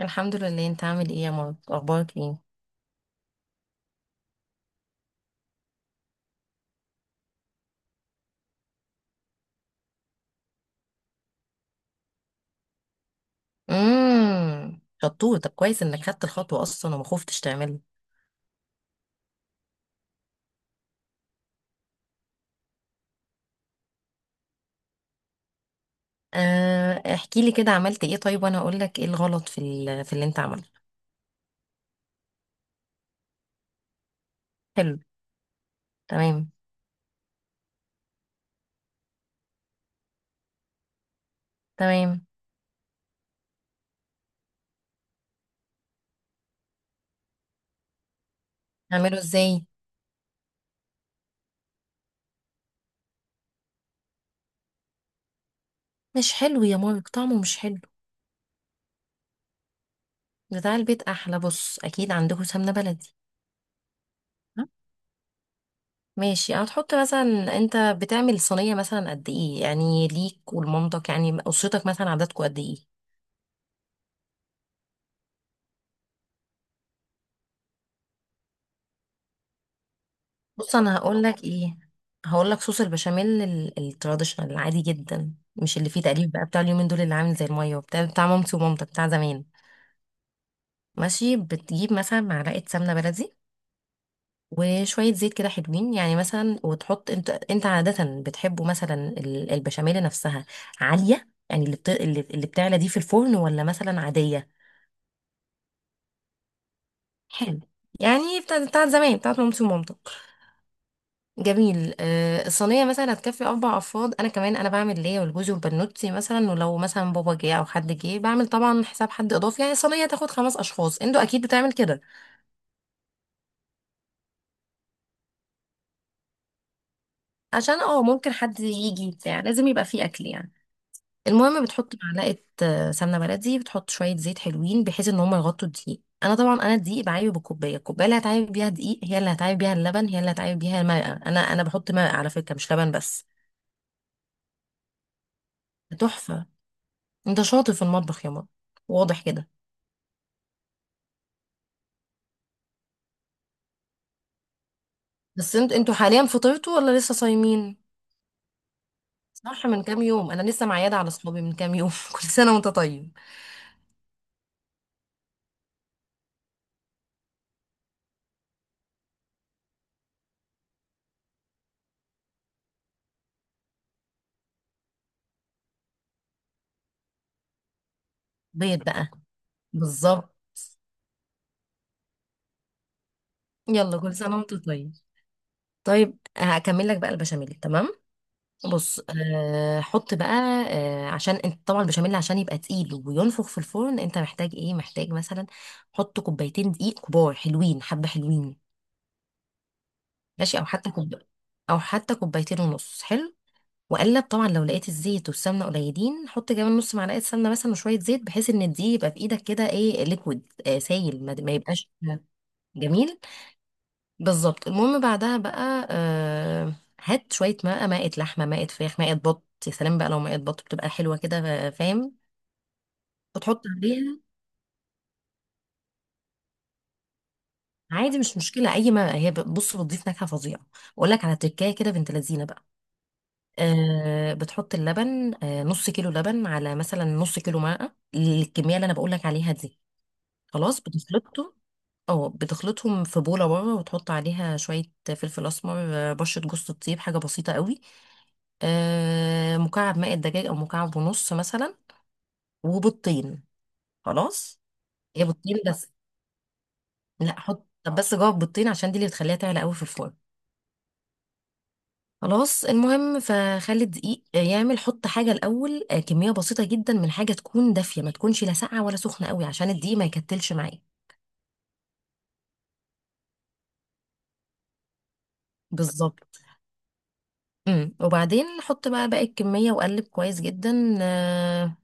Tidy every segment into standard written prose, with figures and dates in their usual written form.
الحمد لله. انت عامل ايه يا مارك؟ اخبارك ايه؟ شطور. طب كويس انك خدت الخطوه اصلا وما خفتش تعملها. آه، احكي لي كده، عملت ايه؟ طيب وانا اقول لك ايه الغلط في اللي انت عملته. حلو. تمام. تمام. اعمله ازاي؟ مش حلو يا مارك، طعمه مش حلو. بتاع البيت احلى. بص، اكيد عندكم سمنه بلدي. ها؟ ماشي، هتحط مثلا، انت بتعمل صينيه مثلا قد ايه، يعني ليك ولمامتك، يعني اسرتك مثلا عددكم قد ايه؟ بص انا هقول لك ايه. هقول لك صوص البشاميل التراديشنال، العادي جدا، مش اللي فيه تقليب بقى بتاع اليومين دول، اللي عامل زي الميه، وبتاع مامتي ومامتك، بتاع زمان. ماشي، بتجيب مثلا معلقه سمنه بلدي، وشويه زيت كده حلوين، يعني مثلا. وتحط، انت عاده بتحبه، مثلا البشاميل نفسها عاليه، يعني اللي بت... اللي اللي بتعلى دي في الفرن، ولا مثلا عاديه؟ حلو. يعني بتاع زمان، بتاعت مامتي ومامتك. جميل. الصينية مثلا هتكفي أربع أفراد. أنا كمان أنا بعمل ليا والجوز والبنوتي مثلا، ولو مثلا بابا جه أو حد جه بعمل طبعا حساب حد إضافي، يعني الصينية تاخد خمس أشخاص. أنتوا أكيد بتعمل كده. عشان ممكن حد يجي بتاع، لازم يبقى فيه أكل يعني. المهم بتحط معلقة سمنة بلدي، بتحط شوية زيت حلوين بحيث إن هما يغطوا الدقيق. أنا طبعا أنا الدقيق بعايبه بالكوباية. الكوباية اللي هتعايب بيها دقيق هي اللي هتعايب بيها اللبن، هي اللي هتعايب بيها الماء. أنا بحط ماء على فكرة، مش لبن بس. تحفة. أنت شاطر في المطبخ يا ماما، واضح كده. بس انتوا حاليا فطرتوا ولا لسه صايمين؟ صح، من كام يوم، انا لسه معياده على صحابي من كام يوم كل سنه وانت طيب. بيض بقى. بالظبط. يلا، كل سنه وانت طيب. طيب هكمل لك بقى البشاميل، تمام. بص، حط بقى. عشان انت طبعا البشاميل، عشان يبقى تقيل وينفخ في الفرن، انت محتاج ايه؟ محتاج مثلا حط كوبايتين دقيق كبار حلوين، حبه حلوين. ماشي، او حتى كوب، او حتى كوبايتين ونص، حلو. واقلب طبعا. لو لقيت الزيت والسمنه قليلين، حط كمان نص معلقه سمنه مثلا وشويه زيت، بحيث ان الدقيق يبقى في ايدك كده ايه، ليكويد، سايل، ما يبقاش. جميل، بالظبط. المهم بعدها بقى. هات شويه ماء، مائه لحمه، مائه فراخ، مائه بط، يا سلام بقى لو مائه بط، بتبقى حلوه كده، فاهم؟ وتحط عليها. عادي، مش مشكله اي ماء، هي بص بتضيف نكهه فظيعه. اقول لك على تركايه كده بنت لذينه بقى. بتحط اللبن، نص كيلو لبن على مثلا نص كيلو ماء، الكميه اللي انا بقول لك عليها دي. خلاص بتخلطهم. اه، بتخلطهم في بوله بره، وتحط عليها شويه فلفل اسمر، بشره جوز الطيب، حاجه بسيطه قوي. مكعب ماء الدجاج او مكعب ونص مثلا. وبيضتين. خلاص. هي بيضتين بس. لا حط، طب بس جوه البيضتين، عشان دي اللي بتخليها تعلى قوي في الفرن. خلاص. المهم فخلي الدقيق يعمل، حط حاجه الاول، كميه بسيطه جدا من حاجه تكون دافيه، ما تكونش لا ساقعه ولا سخنه قوي، عشان الدقيق ما يكتلش معايا. بالظبط. وبعدين حط بقى باقي الكمية، وقلب كويس جدا،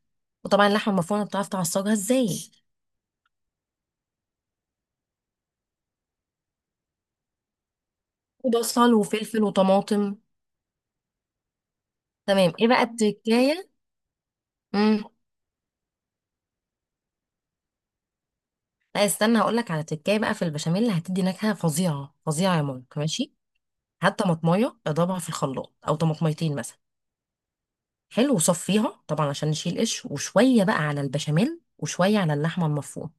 وطبعا اللحمة المفرومة بتعرف تعصجها ازاي. وبصل وفلفل وطماطم. تمام. ايه بقى التكاية؟ امم. لا استنى، هقول لك على تكاية بقى في البشاميل اللي هتدي نكهة فظيعة فظيعة يا مامك، ماشي. هات طماطمية اضربها في الخلاط، او طماطميتين مثلا. حلو، وصفيها طبعا عشان نشيل قش. وشوية بقى على البشاميل وشوية على اللحمة المفرومة.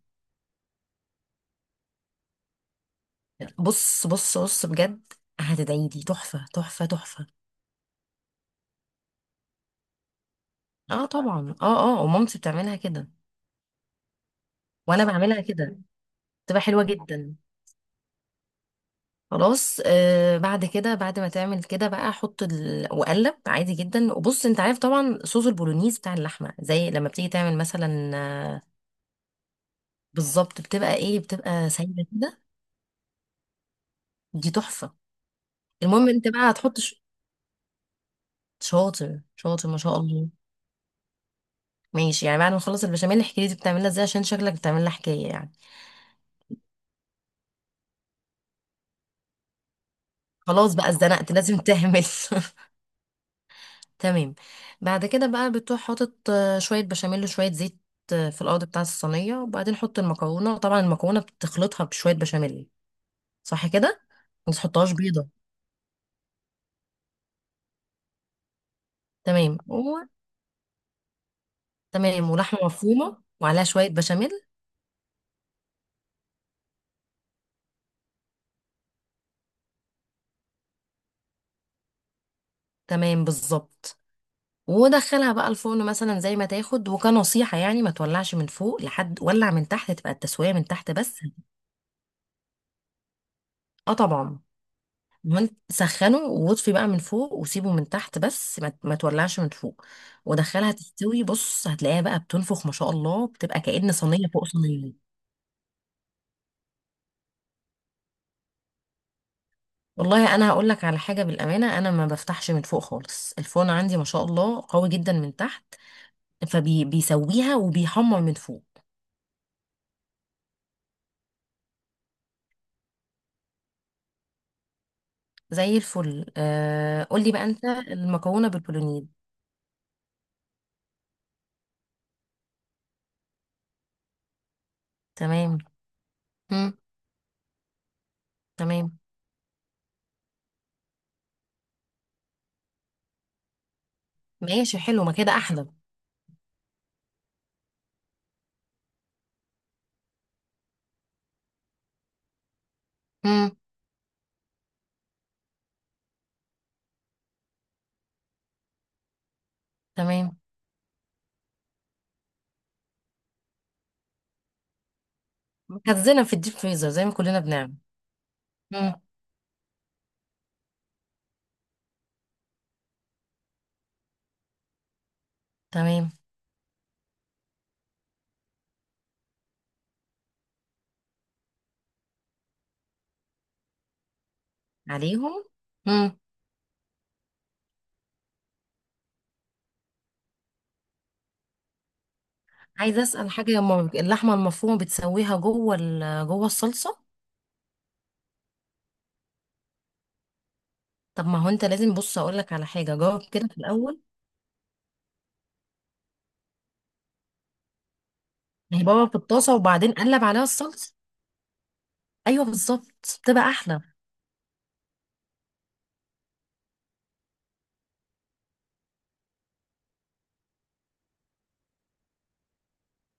بص بص بص، بجد هتدعي لي، تحفة تحفة تحفة. اه طبعا، اه اه، ومامتي بتعملها كده، وانا بعملها كده، بتبقى حلوه جدا. خلاص. بعد كده، بعد ما تعمل كده بقى، احط واقلب عادي جدا. وبص انت عارف طبعا صوص البولونيز بتاع اللحمه، زي لما بتيجي تعمل مثلا. بالظبط، بتبقى ايه، بتبقى سايبه كده. دي تحفه. المهم انت بقى هتحط شاطر شاطر ما شاء الله. ماشي، يعني بعد ما نخلص البشاميل احكي لي دي بتعملها ازاي، عشان شكلك بتعملها حكايه يعني. خلاص بقى، اتزنقت لازم تعمل. تمام. بعد كده بقى بتروح حاطط شوية بشاميل وشوية زيت في الأرض بتاعة الصينية، وبعدين حط المكرونة، وطبعا المكرونة بتخلطها بشوية بشاميل، صح كده؟ ما تحطهاش بيضة. تمام، تمام، ولحمة مفرومة وعليها شوية بشاميل. تمام بالظبط. ودخلها بقى الفرن مثلا زي ما تاخد. وكنصيحة يعني، ما تولعش من فوق لحد، ولع من تحت، تبقى التسوية من تحت بس. اه طبعا. من سخنه، واطفي بقى من فوق، وسيبه من تحت بس، ما تولعش من فوق. ودخلها تستوي، بص هتلاقيها بقى بتنفخ ما شاء الله، بتبقى كأن صينية فوق صينية. والله انا هقول لك على حاجة بالأمانة، انا ما بفتحش من فوق خالص. الفرن عندي ما شاء الله قوي جدا من تحت، فبيسويها وبيحمر من فوق. زي الفل. قولي بقى انت المكرونة بالبولونيز. تمام. مم. تمام. ماشي، حلو، ما كده احلى. مم. تمام. مخزنة في الديب فريزر زي ما كلنا بنعمل. تمام. عليهم. امم. عايزه اسال حاجه، هما اللحمه المفرومه بتسويها جوه جوه الصلصه؟ طب ما هو انت لازم، بص اقول لك على حاجه، جاوب كده في الاول. هي بابا في الطاسه، وبعدين قلب عليها الصلصه. ايوه بالظبط، تبقى احلى.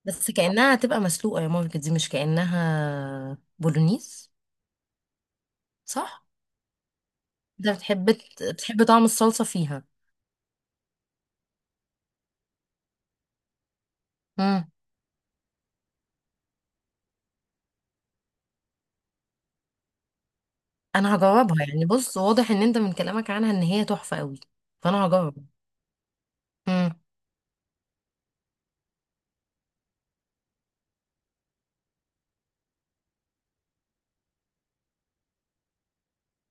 بس كانها هتبقى مسلوقه يا مامي، دي مش كانها بولونيز. صح. انت بتحب طعم الصلصه فيها. امم. انا هجربها يعني. بص واضح ان انت من كلامك عنها ان هي تحفه قوي، فانا هجرب. امم.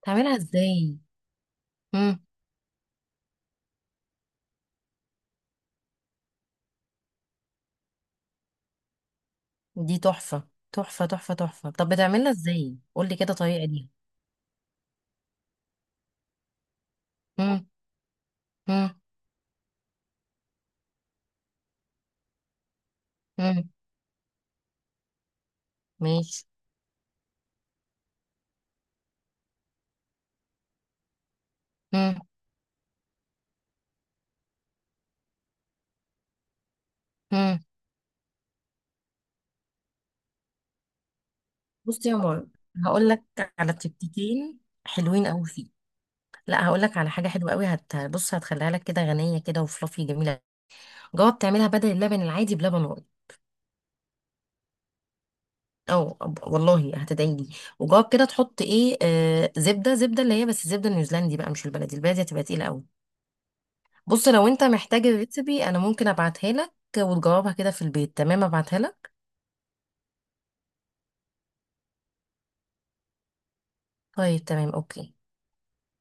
تعملها ازاي؟ دي تحفة تحفة تحفة تحفة. طب بتعملها ازاي؟ قولي كده طريقة ليها. مم. مم. مم. ماشي. مم. مم. بصي يا مار، هقول لك على تكتيكين حلوين قوي فيك. لا، هقول لك على حاجة حلوة قوي. بص هتخليها لك كده غنية كده، وفلافي جميلة. جواب تعملها بدل اللبن العادي بلبن رايب. او والله هتدعي لي. وجواب كده، تحط ايه، زبدة، زبدة اللي هي بس زبدة نيوزيلندي بقى، مش البلدي، البلدي هتبقى تقيلة قوي. بص لو انت محتاج الريسبي انا ممكن ابعتها لك، وتجاوبها كده في البيت، تمام، ابعتها لك. طيب تمام، اوكي.